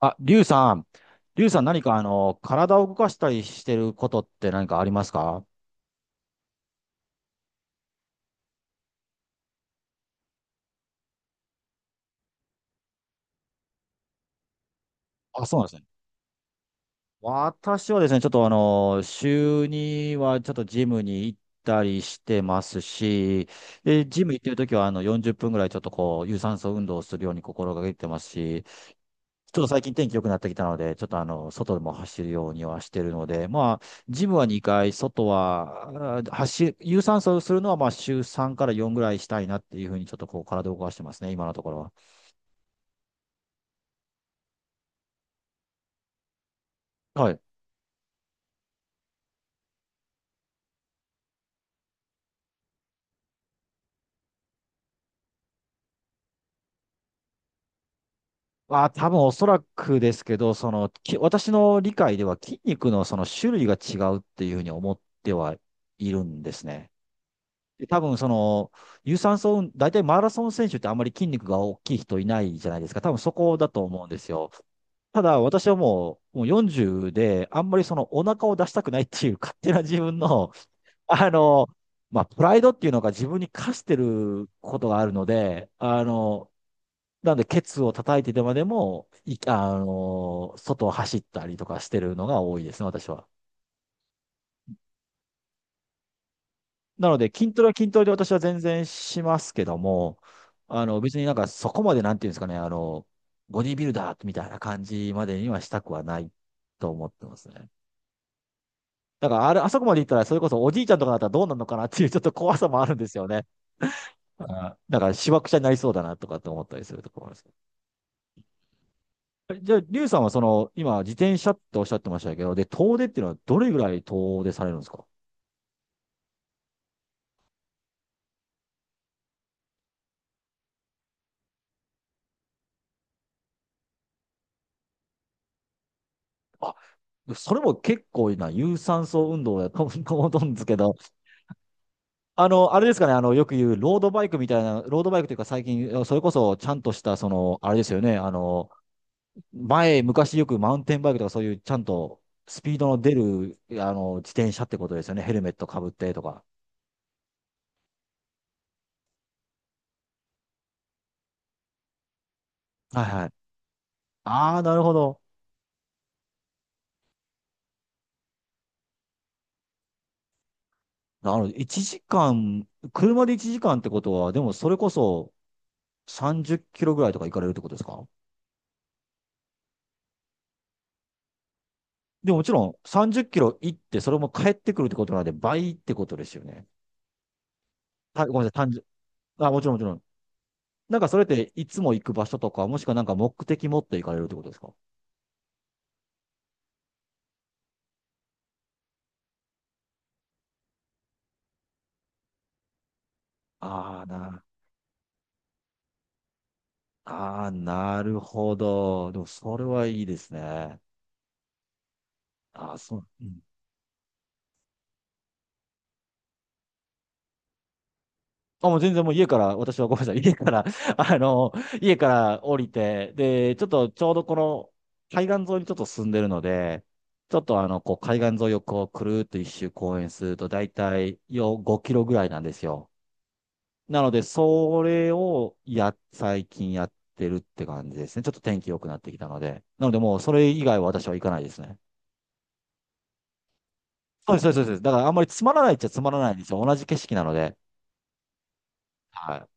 あ、リュウさん。リュウさん何か体を動かしたりしてることって何かありますか？あ、そうなんですね。私はですね、ちょっとあの、週にはちょっとジムに行ったりしてますし、で、ジム行ってるときは40分ぐらいちょっとこう、有酸素運動をするように心がけてますし、ちょっと最近天気良くなってきたので、ちょっとあの、外でも走るようにはしてるので、まあ、ジムは2回、外は、走る、有酸素をするのは、まあ、週3から4ぐらいしたいなっていうふうに、ちょっとこう、体を動かしてますね、今のところは。はい。ああ、多分おそらくですけど、私の理解では筋肉のその種類が違うっていうふうに思ってはいるんですね。で多分その、有酸素運、大体マラソン選手ってあんまり筋肉が大きい人いないじゃないですか。多分そこだと思うんですよ。ただ私はもう40で、あんまりそのお腹を出したくないっていう勝手な自分の、あの、まあ、プライドっていうのが自分に課してることがあるので、なんでケツを叩いてでまでも、い、あの、外を走ったりとかしてるのが多いですね、私は。なので、筋トレは筋トレで私は全然しますけども、別になんかそこまでなんていうんですかね、ボディービルダーみたいな感じまでにはしたくはないと思ってますね。だからあれ、あそこまで行ったら、それこそおじいちゃんとかだったらどうなるのかなっていうちょっと怖さもあるんですよね。あだから、しわくちゃになりそうだなとかって思ったりするところです。えじゃあ、リュウさんはその、今、自転車っておっしゃってましたけど、で、遠出っていうのはどれぐらい遠出されるんですか？あ、それも結構な有酸素運動だと思うんですけど、あの、あれですかね、あの、よく言うロードバイクみたいな、ロードバイクというか最近、それこそちゃんとした、その、あれですよね、あの、前、昔よくマウンテンバイクとかそういうちゃんとスピードの出る、自転車ってことですよね。ヘルメットかぶってとか。はいはい。ああ、なるほど。なるほど。1時間、車で1時間ってことは、でもそれこそ30キロぐらいとか行かれるってことですか？でももちろん30キロ行って、それも帰ってくるってことなんで倍ってことですよね。たごめんなさい、単純。あ、もちろんもちろん。なんかそれっていつも行く場所とか、もしくはなんか目的持って行かれるってことですか？ああー、なああ、なるほど。でも、それはいいですね。ああ、そう。うん。あ、もう全然もう家から、私はごめんなさい。家から、あの、家から降りて、で、ちょっとちょうどこの海岸沿いにちょっと住んでるので、ちょっとあの、こう海岸沿いをこうくるーっと一周公園するとだいたい5キロぐらいなんですよ。なので、それをや、最近やってるって感じですね。ちょっと天気良くなってきたので。なのでもうそれ以外は私は行かないですね。そうです、そうです、そうです。だからあんまりつまらないっちゃつまらないんですよ。同じ景色なので。はい。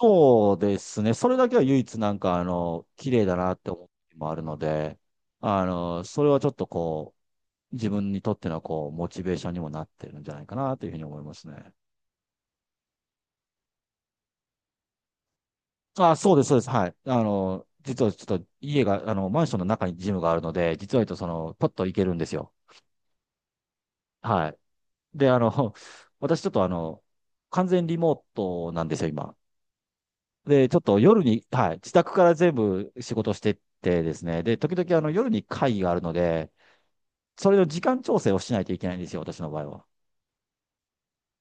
そうですね。それだけは唯一なんか、綺麗だなって思う時もあるので、それはちょっとこう、自分にとってのモチベーションにもなってるんじゃないかなというふうに思いますね。あ、そうです、そうです。はい。実はちょっと家が、マンションの中にジムがあるので、実は言うとその、パッと行けるんですよ。はい。で、私ちょっとあの、完全リモートなんですよ、今。で、ちょっと夜に、はい、自宅から全部仕事してってですね、で、時々あの夜に会議があるので、それの時間調整をしないといけないんですよ、私の場合は。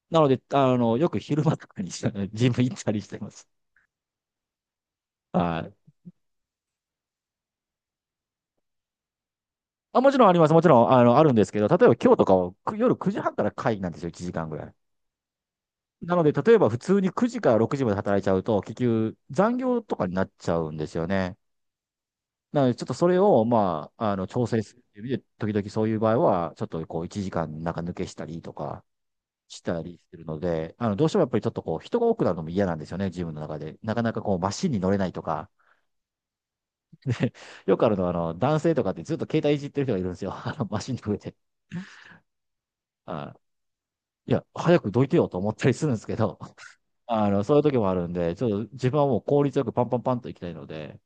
なので、よく昼間とかにして ジム行ったりしてます。はい。あ、もちろんあります。もちろん、あるんですけど、例えば今日とかはく夜9時半から会議なんですよ、1時間ぐらい。なので、例えば普通に9時から6時まで働いちゃうと、結局残業とかになっちゃうんですよね。なので、ちょっとそれを、まあ、調整するっていう意味で、時々そういう場合は、ちょっとこう、1時間なんか抜けしたりとかしたりするので、どうしてもやっぱりちょっとこう、人が多くなるのも嫌なんですよね、自分の中で。なかなかこう、マシンに乗れないとか、よくあるのは、男性とかってずっと携帯いじってる人がいるんですよ。マシンに触れて。あいや、早くどいてよと思ったりするんですけど、そういう時もあるんで、ちょっと自分はもう効率よくパンパンパンと行きたいので、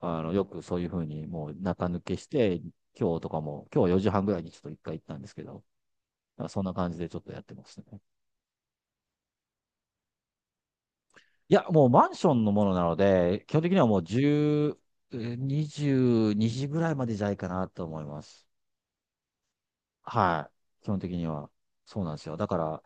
よくそういうふうにもう中抜けして、今日とかも、今日は4時半ぐらいにちょっと一回行ったんですけど、なんかそんな感じでちょっとやってますね。いや、もうマンションのものなので、基本的にはもう10、えー2時ぐらいまでじゃないかなと思います。はい。基本的には。そうなんですよ。だから、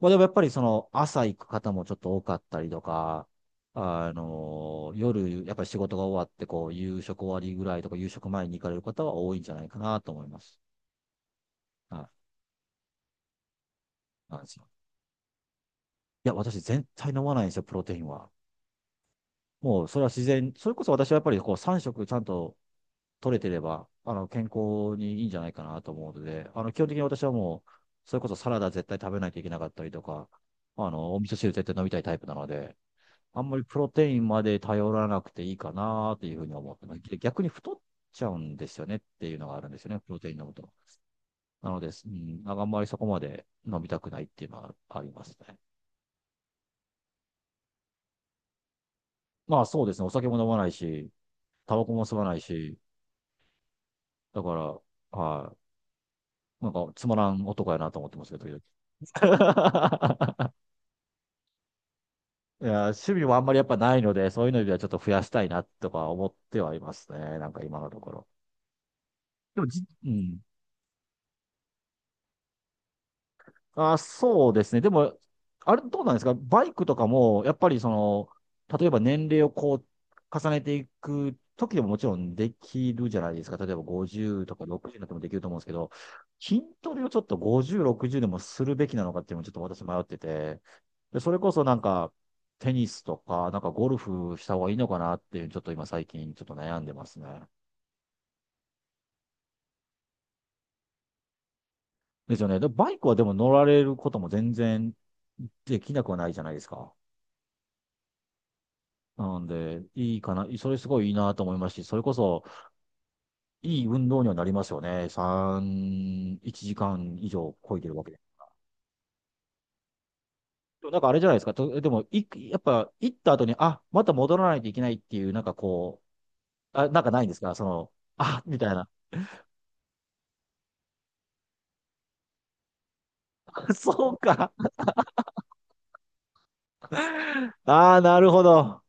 まあでもやっぱりその朝行く方もちょっと多かったりとか、夜、やっぱり仕事が終わって、こう、夕食終わりぐらいとか、夕食前に行かれる方は多いんじゃないかなと思います。はい。なんですよ。いや、私絶対飲まないんですよ、プロテインは。もうそれは自然、それこそ私はやっぱりこう3食ちゃんと取れてれば、健康にいいんじゃないかなと思うので、基本的に私はもう、それこそサラダ絶対食べないといけなかったりとか、お味噌汁絶対飲みたいタイプなので、あんまりプロテインまで頼らなくていいかなっていうふうに思ってます。で逆に太っちゃうんですよねっていうのがあるんですよね、プロテイン飲むと。なので、うん、あんまりそこまで飲みたくないっていうのはありますね。まあそうですね、お酒も飲まないし、タバコも吸わないし、だから、はい、なんかつまらん男やなと思ってますけど、時々 いや、趣味もあんまりやっぱないので、そういうのではちょっと増やしたいなとか思ってはいますね。なんか今のところ。でもじ、うん。あ、そうですね。でも、あれどうなんですかバイクとかも、やっぱりその、例えば年齢をこう、重ねていく時でももちろんできるじゃないですか。例えば50とか60になってもできると思うんですけど、筋トレをちょっと50、60でもするべきなのかっていうのもちょっと私迷ってて、で、それこそテニスとか、なんかゴルフした方がいいのかなっていう、ちょっと今最近ちょっと悩んでますね。ですよね。で、バイクはでも乗られることも全然できなくはないじゃないですか。なんで、いいかな、それすごいいいなと思いますし、それこそいい運動にはなりますよね。3、1時間以上超いでるわけで。でもなんかあれじゃないですか、とでもい、やっぱ行った後に、あ、また戻らないといけないっていう、なんかこう、あ、なんかないんですか、その、あ、みたいな。そうか。ああ、なるほど。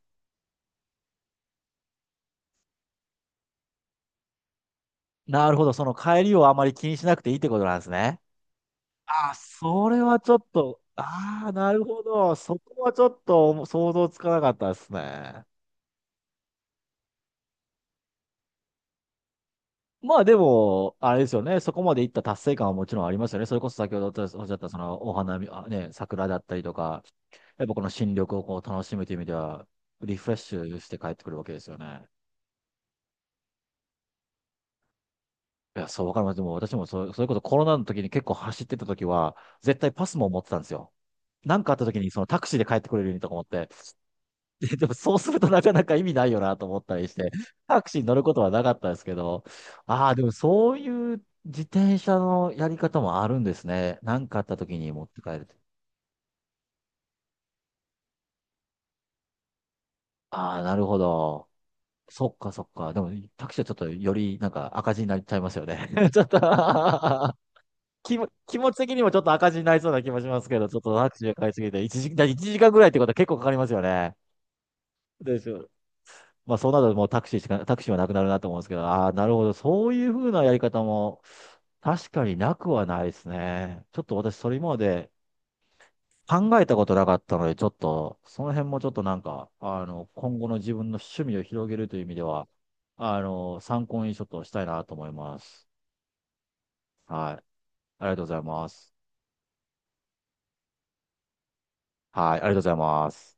なるほど。その帰りをあまり気にしなくていいってことなんですね。ああ、それはちょっと、ああ、なるほど。そこはちょっと想像つかなかったですね。まあでも、あれですよね。そこまでいった達成感はもちろんありますよね。それこそ先ほどおっしゃったそのお花見、あ、ね、桜だったりとか、やっぱこの新緑をこう楽しむという意味では、リフレッシュして帰ってくるわけですよね。いや、そうわかります。でも私もそ、それこそコロナの時に結構走ってた時は、絶対パスも持ってたんですよ。なんかあった時にそのタクシーで帰ってくれるようにとか思って、で、でもそうするとなかなか意味ないよなと思ったりして、タクシーに乗ることはなかったですけど、ああ、でもそういう自転車のやり方もあるんですね。なんかあった時に持って帰る。ああ、なるほど。そっかそっか。でもタクシーはちょっとよりなんか赤字になっちゃいますよね。ちょっと 気持ち的にもちょっと赤字になりそうな気もしますけど、ちょっとタクシーが買いすぎて、1時、だ一時間ぐらいってことは結構かかりますよね。でしょ。まあ、そうなるともうタクシーはなくなるなと思うんですけど、ああ、なるほど。そういうふうなやり方も、確かになくはないですね。ちょっと私、それ今まで考えたことなかったので、ちょっと、その辺もちょっとなんか、今後の自分の趣味を広げるという意味では、参考にちょっとしたいなと思います。はい。ありがとうございます。はい。ありがとうございます。